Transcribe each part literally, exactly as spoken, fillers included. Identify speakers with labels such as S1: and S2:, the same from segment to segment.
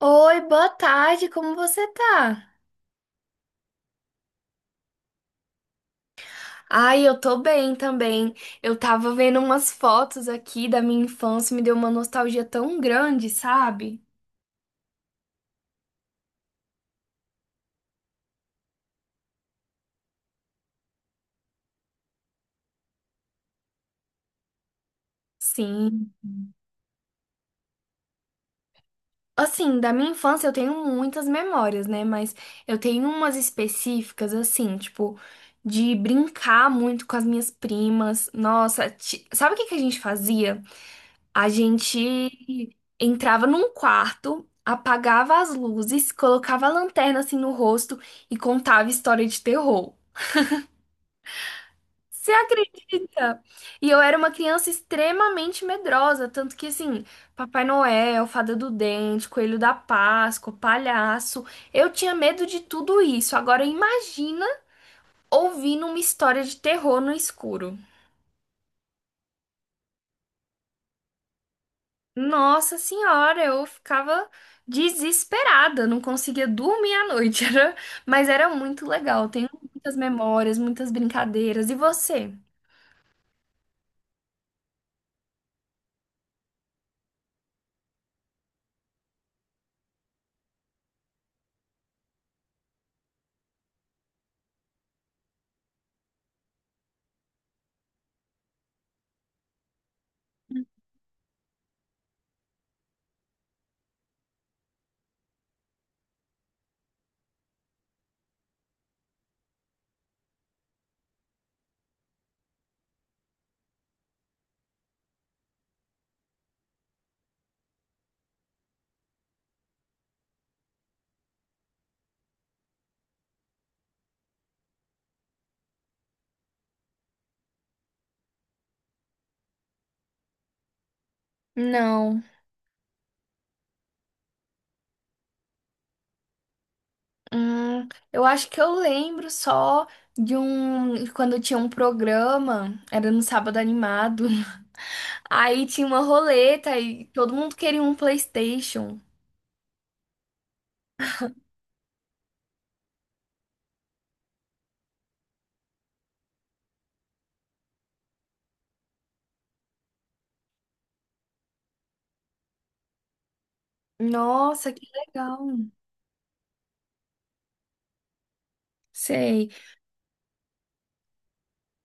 S1: Oi, boa tarde, como você tá? Ai, eu tô bem também. Eu tava vendo umas fotos aqui da minha infância, me deu uma nostalgia tão grande, sabe? Sim. Assim, da minha infância eu tenho muitas memórias, né? Mas eu tenho umas específicas, assim, tipo, de brincar muito com as minhas primas. Nossa, ti- sabe o que que a gente fazia? A gente entrava num quarto, apagava as luzes, colocava a lanterna assim no rosto e contava história de terror. Você acredita? E eu era uma criança extremamente medrosa, tanto que assim, Papai Noel, Fada do Dente, Coelho da Páscoa, palhaço, eu tinha medo de tudo isso. Agora imagina ouvindo uma história de terror no escuro. Nossa senhora, eu ficava desesperada, não conseguia dormir à noite, era... mas era muito legal. Tenho muitas memórias, muitas brincadeiras. E você? Não. Hum, eu acho que eu lembro só de um. Quando tinha um programa, era no sábado animado. Aí tinha uma roleta e todo mundo queria um PlayStation. Nossa, que legal. Sei.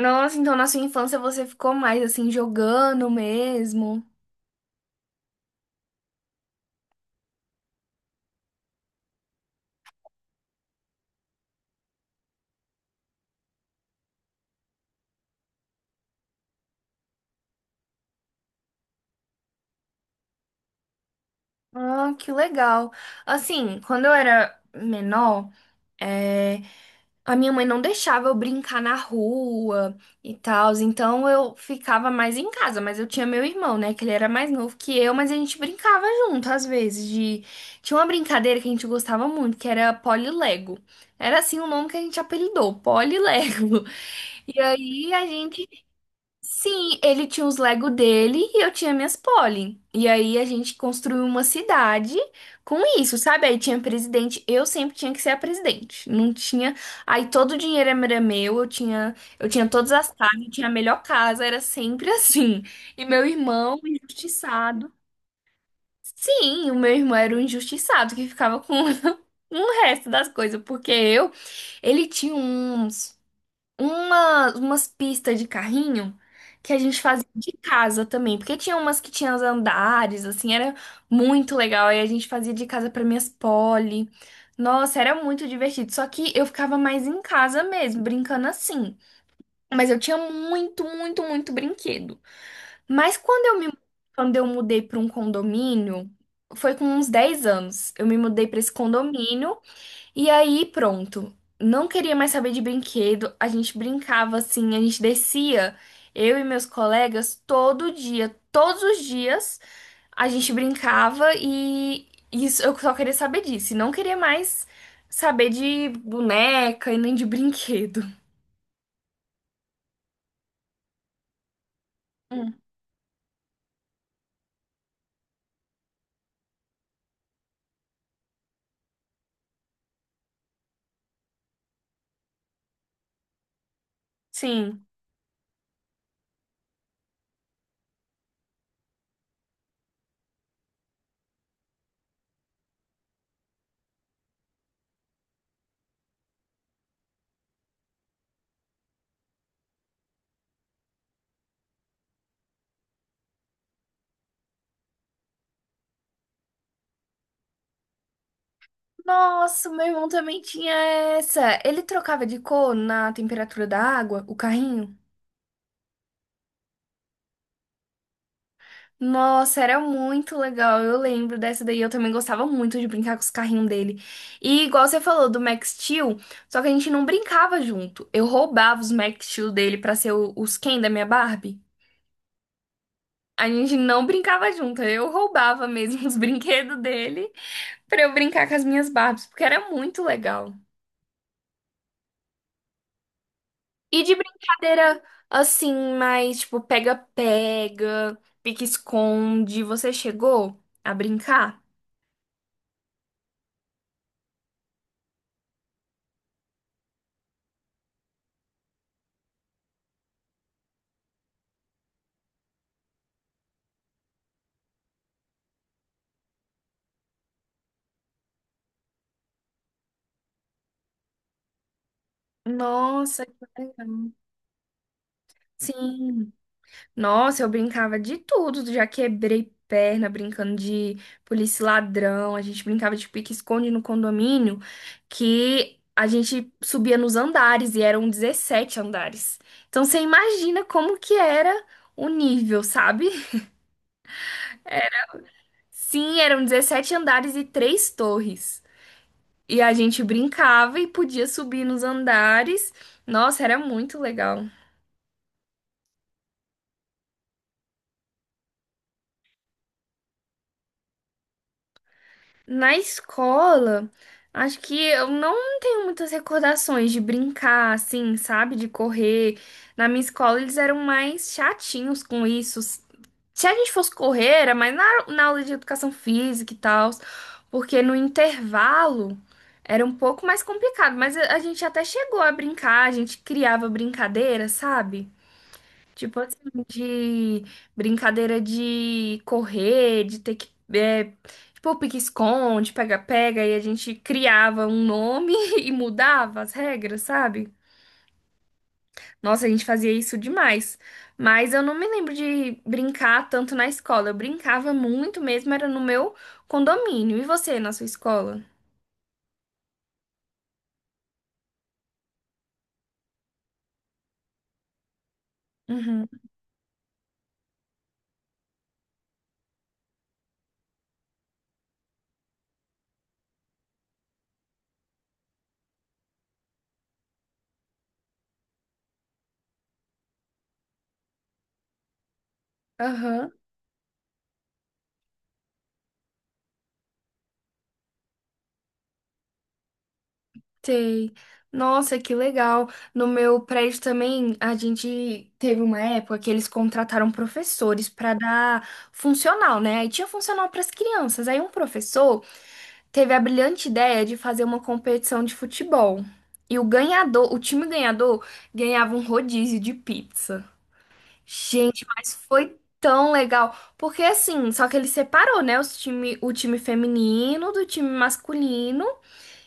S1: Nossa, então na sua infância você ficou mais assim jogando mesmo. Ah, que legal. Assim, quando eu era menor, é, a minha mãe não deixava eu brincar na rua e tal, então eu ficava mais em casa, mas eu tinha meu irmão, né, que ele era mais novo que eu, mas a gente brincava junto às vezes de tinha uma brincadeira que a gente gostava muito, que era Polilego. Era assim o nome que a gente apelidou, Polilego. E aí a gente Sim, ele tinha os Lego dele e eu tinha minhas Polly. E aí a gente construiu uma cidade com isso, sabe? Aí tinha presidente, eu sempre tinha que ser a presidente. Não tinha, aí todo o dinheiro era meu, eu tinha, eu tinha todas as casas, eu tinha a melhor casa, era sempre assim. E meu irmão, injustiçado. Sim, o meu irmão era o injustiçado que ficava com o resto das coisas, porque eu, ele tinha uns uma, umas pistas de carrinho que a gente fazia de casa também, porque tinha umas que tinham os andares, assim, era muito legal. Aí a gente fazia de casa para minhas poli. Nossa, era muito divertido. Só que eu ficava mais em casa mesmo, brincando assim. Mas eu tinha muito, muito, muito brinquedo. Mas quando eu me, quando eu mudei para um condomínio, foi com uns dez anos. Eu me mudei para esse condomínio e aí, pronto. Não queria mais saber de brinquedo. A gente brincava assim, a gente descia, eu e meus colegas, todo dia, todos os dias, a gente brincava e isso eu só queria saber disso. E não queria mais saber de boneca e nem de brinquedo. Hum, Sim. Nossa, meu irmão também tinha essa. Ele trocava de cor na temperatura da água, o carrinho. Nossa, era muito legal. Eu lembro dessa daí. Eu também gostava muito de brincar com os carrinhos dele. E igual você falou do Max Steel, só que a gente não brincava junto. Eu roubava os Max Steel dele pra ser o- os Ken da minha Barbie. A gente não brincava junto. Eu roubava mesmo os brinquedos dele pra eu brincar com as minhas Barbies, porque era muito legal. E de brincadeira assim, mais tipo pega-pega, pique-esconde, você chegou a brincar? Nossa, que legal. Sim. Nossa, eu brincava de tudo. Já quebrei perna brincando de polícia e ladrão. A gente brincava de pique-esconde no condomínio, que a gente subia nos andares e eram dezessete andares. Então você imagina como que era o nível, sabe? Sim, eram dezessete andares e três torres. E a gente brincava e podia subir nos andares. Nossa, era muito legal. Na escola, acho que eu não tenho muitas recordações de brincar, assim, sabe? De correr. Na minha escola, eles eram mais chatinhos com isso. Se a gente fosse correr, era mais na, na aula de educação física e tal, porque no intervalo era um pouco mais complicado, mas a, a gente até chegou a brincar, a gente criava brincadeira, sabe? Tipo assim, de brincadeira de correr, de ter que. É, tipo, pique-esconde, pega-pega, e a gente criava um nome e mudava as regras, sabe? Nossa, a gente fazia isso demais. Mas eu não me lembro de brincar tanto na escola. Eu brincava muito mesmo, era no meu condomínio. E você, na sua escola? Uhum. Aham. Sei. Nossa, que legal. No meu prédio também, a gente teve uma época que eles contrataram professores para dar funcional, né? Aí tinha funcional para as crianças. Aí um professor teve a brilhante ideia de fazer uma competição de futebol. E o ganhador, o time ganhador, ganhava um rodízio de pizza. Gente, mas foi tão legal. Porque assim, só que ele separou, né, os time, o time feminino do time masculino.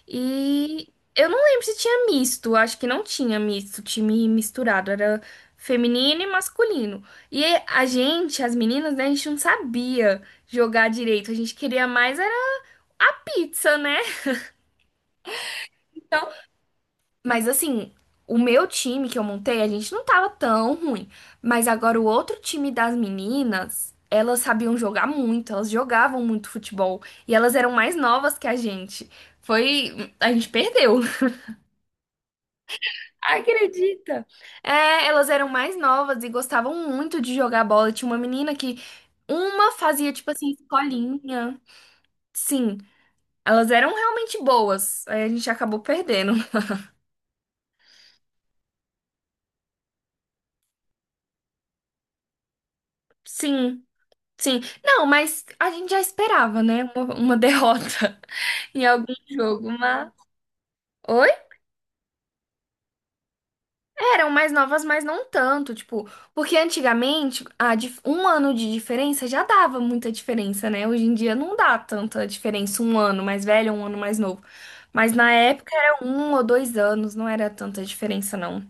S1: E eu não lembro se tinha misto, acho que não tinha misto, time misturado, era feminino e masculino. E a gente, as meninas, né, a gente não sabia jogar direito, a gente queria mais era a pizza, né? Então, mas assim, o meu time que eu montei, a gente não tava tão ruim, mas agora o outro time das meninas, elas sabiam jogar muito, elas jogavam muito futebol e elas eram mais novas que a gente. Foi, a gente perdeu. Acredita? É, elas eram mais novas e gostavam muito de jogar bola. Tinha uma menina que uma fazia tipo assim, escolinha. Sim, elas eram realmente boas. Aí a gente acabou perdendo. Sim, sim. Não, mas a gente já esperava, né? Uma, uma derrota em algum jogo, mas. Oi? Eram mais novas, mas não tanto, tipo, porque antigamente a dif- um ano de diferença já dava muita diferença, né? Hoje em dia não dá tanta diferença, um ano mais velho, um ano mais novo. Mas na época era um ou dois anos, não era tanta diferença, não.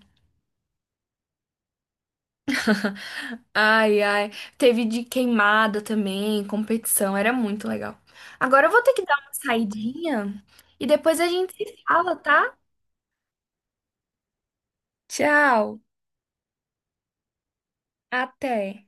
S1: Ai, ai. Teve de queimada também, competição, era muito legal. Agora eu vou ter que dar uma saidinha e depois a gente se fala, tá? Tchau, até.